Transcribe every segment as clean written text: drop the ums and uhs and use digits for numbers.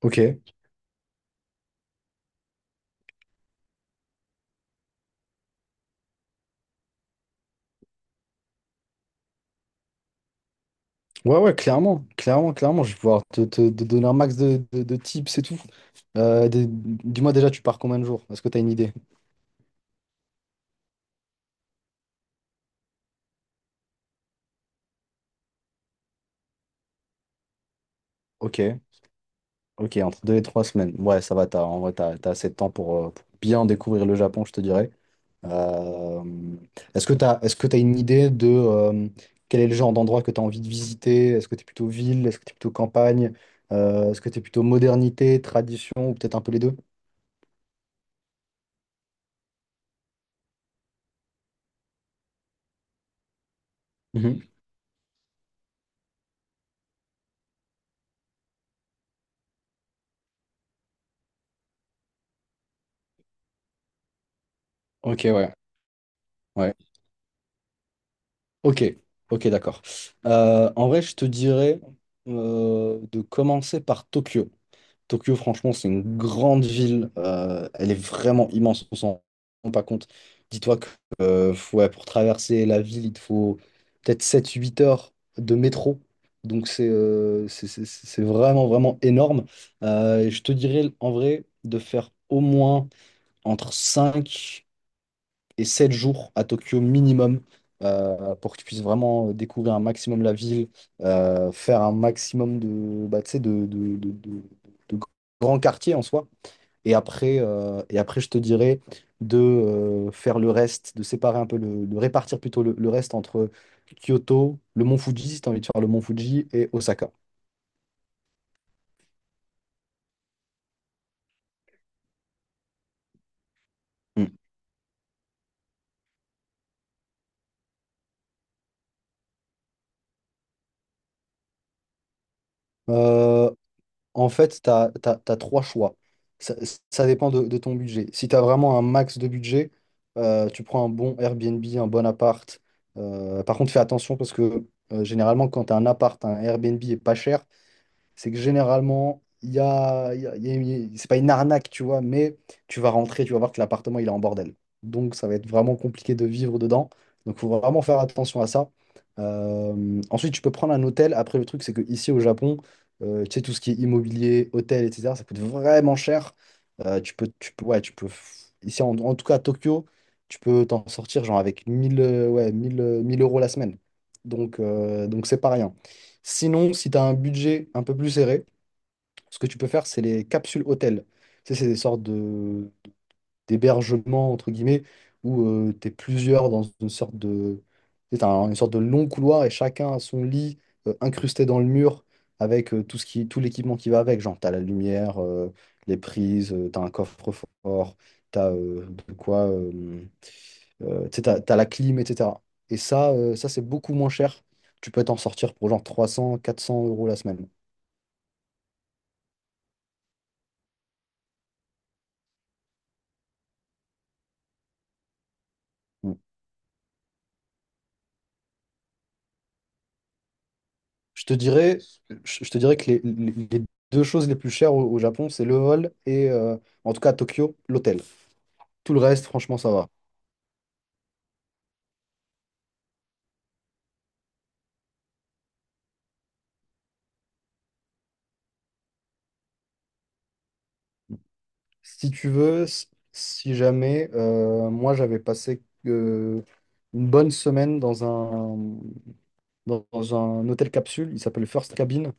Ok. Ouais, ouais, clairement. Clairement, clairement. Je vais pouvoir te, te donner un max de, de tips et tout. Dis-moi déjà, tu pars combien de jours? Est-ce que tu as une idée? Ok. Ok, entre 2 et 3 semaines. Ouais, ça va, en vrai, t'as assez de temps pour bien découvrir le Japon, je te dirais. Euh, Est-ce que t'as une idée de quel est le genre d'endroit que tu as envie de visiter? Est-ce que tu es plutôt ville? Est-ce que tu es plutôt campagne? Est-ce que tu es plutôt modernité, tradition ou peut-être un peu les deux? Mhm. Ok, ouais. Ouais. Ok, ok, d'accord. En vrai, je te dirais de commencer par Tokyo. Tokyo, franchement, c'est une grande ville. Elle est vraiment immense. On s'en rend pas compte. Dis-toi que ouais, pour traverser la ville, il te faut peut-être 7, 8 heures de métro. Donc, c'est vraiment, vraiment énorme. Et je te dirais, en vrai, de faire au moins entre 5 et 7 jours à Tokyo minimum, pour que tu puisses vraiment découvrir un maximum la ville, faire un maximum de, bah, tu sais, de grands quartiers en soi. Et après, je te dirais de faire le reste, de séparer un peu, de répartir plutôt le reste entre Kyoto, le mont Fuji, si tu as envie de faire le mont Fuji, et Osaka. Mm. Euh, En fait, tu as trois choix. Ça, ça dépend de ton budget. Si tu as vraiment un max de budget, tu prends un bon Airbnb, un bon appart. Par contre, fais attention parce que généralement, quand tu as un appart, un Airbnb est pas cher, c'est que généralement, il y a, il y a- il y a- il y a- c'est pas une arnaque, tu vois, mais tu vas rentrer, tu vas voir que l'appartement, il est en bordel. Donc, ça va être vraiment compliqué de vivre dedans. Donc, il faut vraiment faire attention à ça. Ensuite, tu peux prendre un hôtel. Après, le truc, c'est que ici au Japon, tu sais, tout ce qui est immobilier, hôtel, etc., ça coûte vraiment cher. Ouais, tu peux, ici, en tout cas à Tokyo, tu peux t'en sortir genre avec mille, ouais, mille, 1000 euros la semaine. Donc, donc c'est pas rien. Sinon, si tu as un budget un peu plus serré, ce que tu peux faire, c'est les capsules hôtels. Tu sais, c'est des sortes de d'hébergements, entre guillemets, où tu es plusieurs dans une sorte de, tu sais, une sorte de long couloir et chacun a son lit incrusté dans le mur avec tout l'équipement qui va avec. Genre, tu as la lumière, les prises, t'as tu as un coffre-fort, tu as de quoi, tu sais, t'as la clim, etc. Et ça, ça c'est beaucoup moins cher. Tu peux t'en sortir pour genre 300, 400 euros la semaine. Mm. Je te dirais, je te dirais que les deux choses les plus chères au Japon, c'est le vol et, en tout cas à Tokyo, l'hôtel. Tout le reste, franchement, ça va. Si tu veux, si jamais, moi j'avais passé une bonne semaine dans dans un hôtel capsule, il s'appelle First Cabin.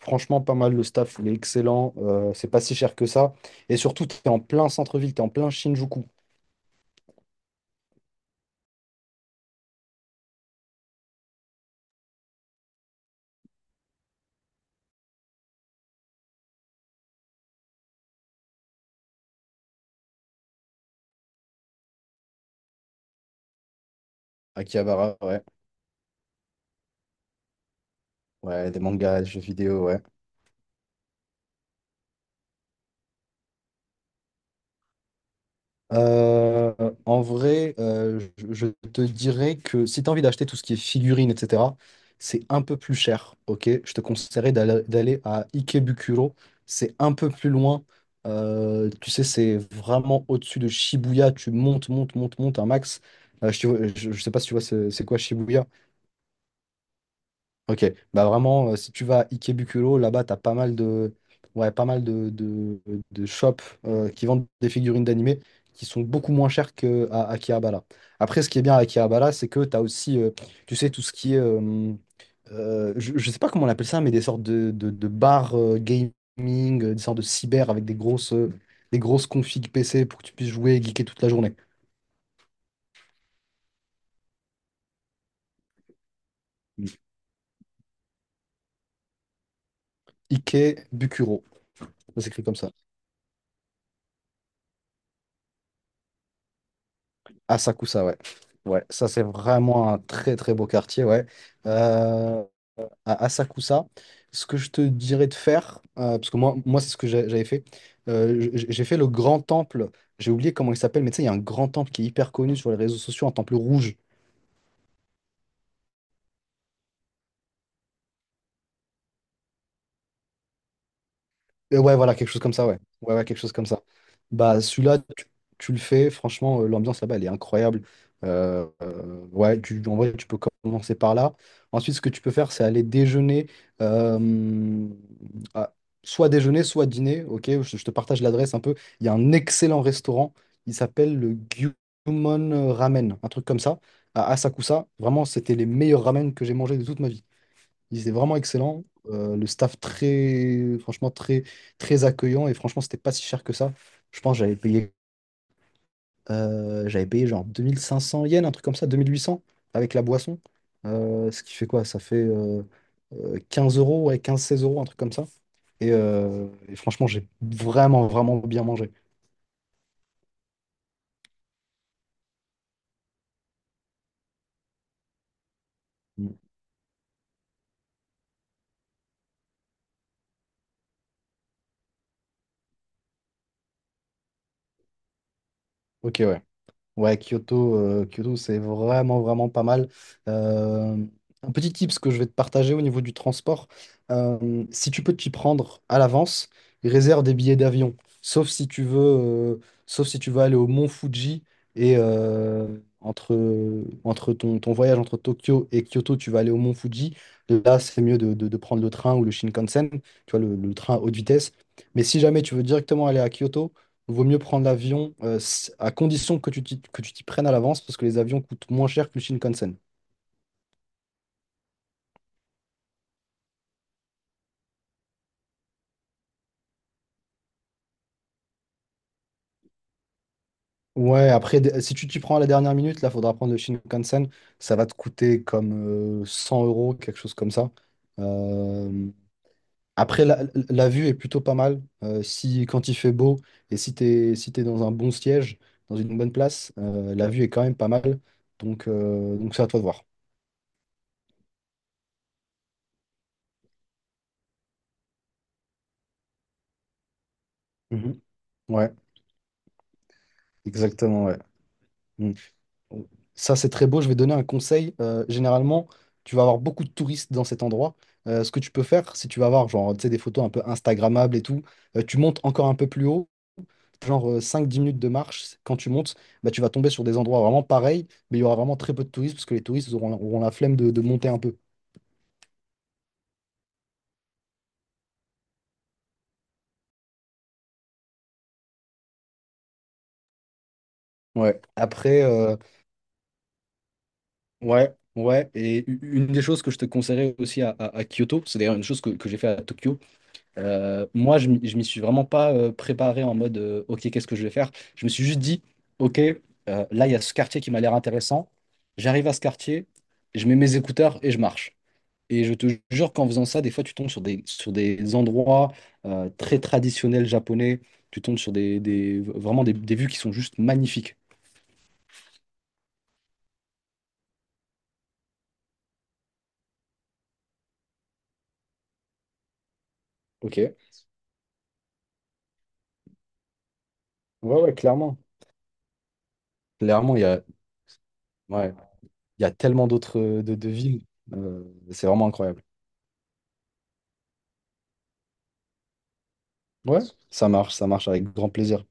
Franchement, pas mal, le staff, il est excellent, c'est pas si cher que ça. Et surtout, tu es en plein centre-ville, tu es en plein Shinjuku. Akihabara, ouais. Ouais, des mangas, des jeux vidéo, ouais. Euh, En vrai, je te dirais que si tu as envie d'acheter tout ce qui est figurines, etc., c'est un peu plus cher, ok? Je te conseillerais d'aller à Ikebukuro. C'est un peu plus loin. Tu sais, c'est vraiment au-dessus de Shibuya. Tu montes, montes, montes, montes un max. Je sais pas si tu vois c'est quoi Shibuya. Ok, bah vraiment, si tu vas à Ikebukuro, là-bas, t'as pas mal de, ouais, pas mal de shops qui vendent des figurines d'animé qui sont beaucoup moins chères qu'à Akihabara. Après, ce qui est bien à Akihabara, c'est que t'as aussi, tu sais, tout ce qui est, je sais pas comment on appelle ça, mais des sortes de bars gaming, des sortes de cyber avec des grosses configs PC pour que tu puisses jouer et geeker toute la journée. Ikebukuro, ça s'écrit comme ça. À Sakusa, ouais. Ouais, ça c'est vraiment un très très beau quartier, ouais. Euh, à Asakusa, ce que je te dirais de faire, parce que moi, moi c'est ce que j'avais fait, j'ai fait le grand temple, j'ai oublié comment il s'appelle, mais tu sais, il y a un grand temple qui est hyper connu sur les réseaux sociaux, un temple rouge. Ouais, voilà, quelque chose comme ça, ouais. Ouais, ouais, quelque chose comme ça. Bah, celui-là, tu le fais, franchement, l'ambiance là-bas, elle est incroyable. Ouais, en vrai, tu peux commencer par là. Ensuite, ce que tu peux faire, c'est aller déjeuner, euh, à- soit déjeuner, soit dîner, ok? Je te partage l'adresse un peu. Il y a un excellent restaurant, il s'appelle le Gyumon Ramen, un truc comme ça, à Asakusa. Vraiment, c'était les meilleurs ramen que j'ai mangés de toute ma vie. Ils étaient vraiment excellents. Le staff très, franchement, très, très accueillant. Et franchement, c'était pas si cher que ça. Je pense que j'avais payé, genre 2500 yens, un truc comme ça, 2800 avec la boisson. Ce qui fait quoi? Ça fait 15 euros, ouais, 15-16 euros, un truc comme ça. Et franchement, j'ai vraiment, vraiment bien mangé. Mm. Ok, ouais. Ouais, Kyoto, c'est vraiment, vraiment pas mal. Euh, un petit tips que je vais te partager au niveau du transport, si tu peux t'y prendre à l'avance, réserve des billets d'avion. Sauf si tu veux, euh, Sauf si tu veux aller au Mont Fuji et entre, entre ton voyage entre Tokyo et Kyoto, tu vas aller au Mont Fuji. Là, c'est mieux de, de prendre le train ou le Shinkansen, tu vois, le train haute vitesse. Mais si jamais tu veux directement aller à Kyoto, vaut mieux prendre l'avion, à condition que tu t'y prennes à l'avance parce que les avions coûtent moins cher que le Shinkansen. Ouais, après, si tu t'y prends à la dernière minute, là, faudra prendre le Shinkansen. Ça va te coûter comme 100 euros, quelque chose comme ça. Euh, Après, la vue est plutôt pas mal. Si, quand il fait beau et si t'es dans un bon siège, dans une bonne place, la vue est quand même pas mal. Donc, donc c'est à toi de voir. Mhm. Ouais, exactement, ouais. Mmh. Ça, c'est très beau. Je vais donner un conseil. Généralement, tu vas avoir beaucoup de touristes dans cet endroit. Ce que tu peux faire, si tu vas avoir genre, tu sais, des photos un peu Instagrammables et tout, tu montes encore un peu plus haut, genre 5-10 minutes de marche. Quand tu montes, bah, tu vas tomber sur des endroits vraiment pareils, mais il y aura vraiment très peu de touristes parce que les touristes auront la flemme de monter un peu. Ouais. Après, ouais, ouais. Et une des choses que je te conseillerais aussi à Kyoto, c'est d'ailleurs une chose que j'ai fait à Tokyo. Moi, je m'y suis vraiment pas préparé en mode OK, qu'est-ce que je vais faire? Je me suis juste dit OK, là, il y a ce quartier qui m'a l'air intéressant. J'arrive à ce quartier, je mets mes écouteurs et je marche. Et je te jure qu'en faisant ça, des fois, tu tombes sur des endroits très traditionnels japonais. Tu tombes sur vraiment des vues qui sont juste magnifiques. OK. Ouais, ouais, clairement. Clairement, ouais, il y a tellement d'autres de villes. Euh, c'est vraiment incroyable. Ouais, ça marche avec grand plaisir.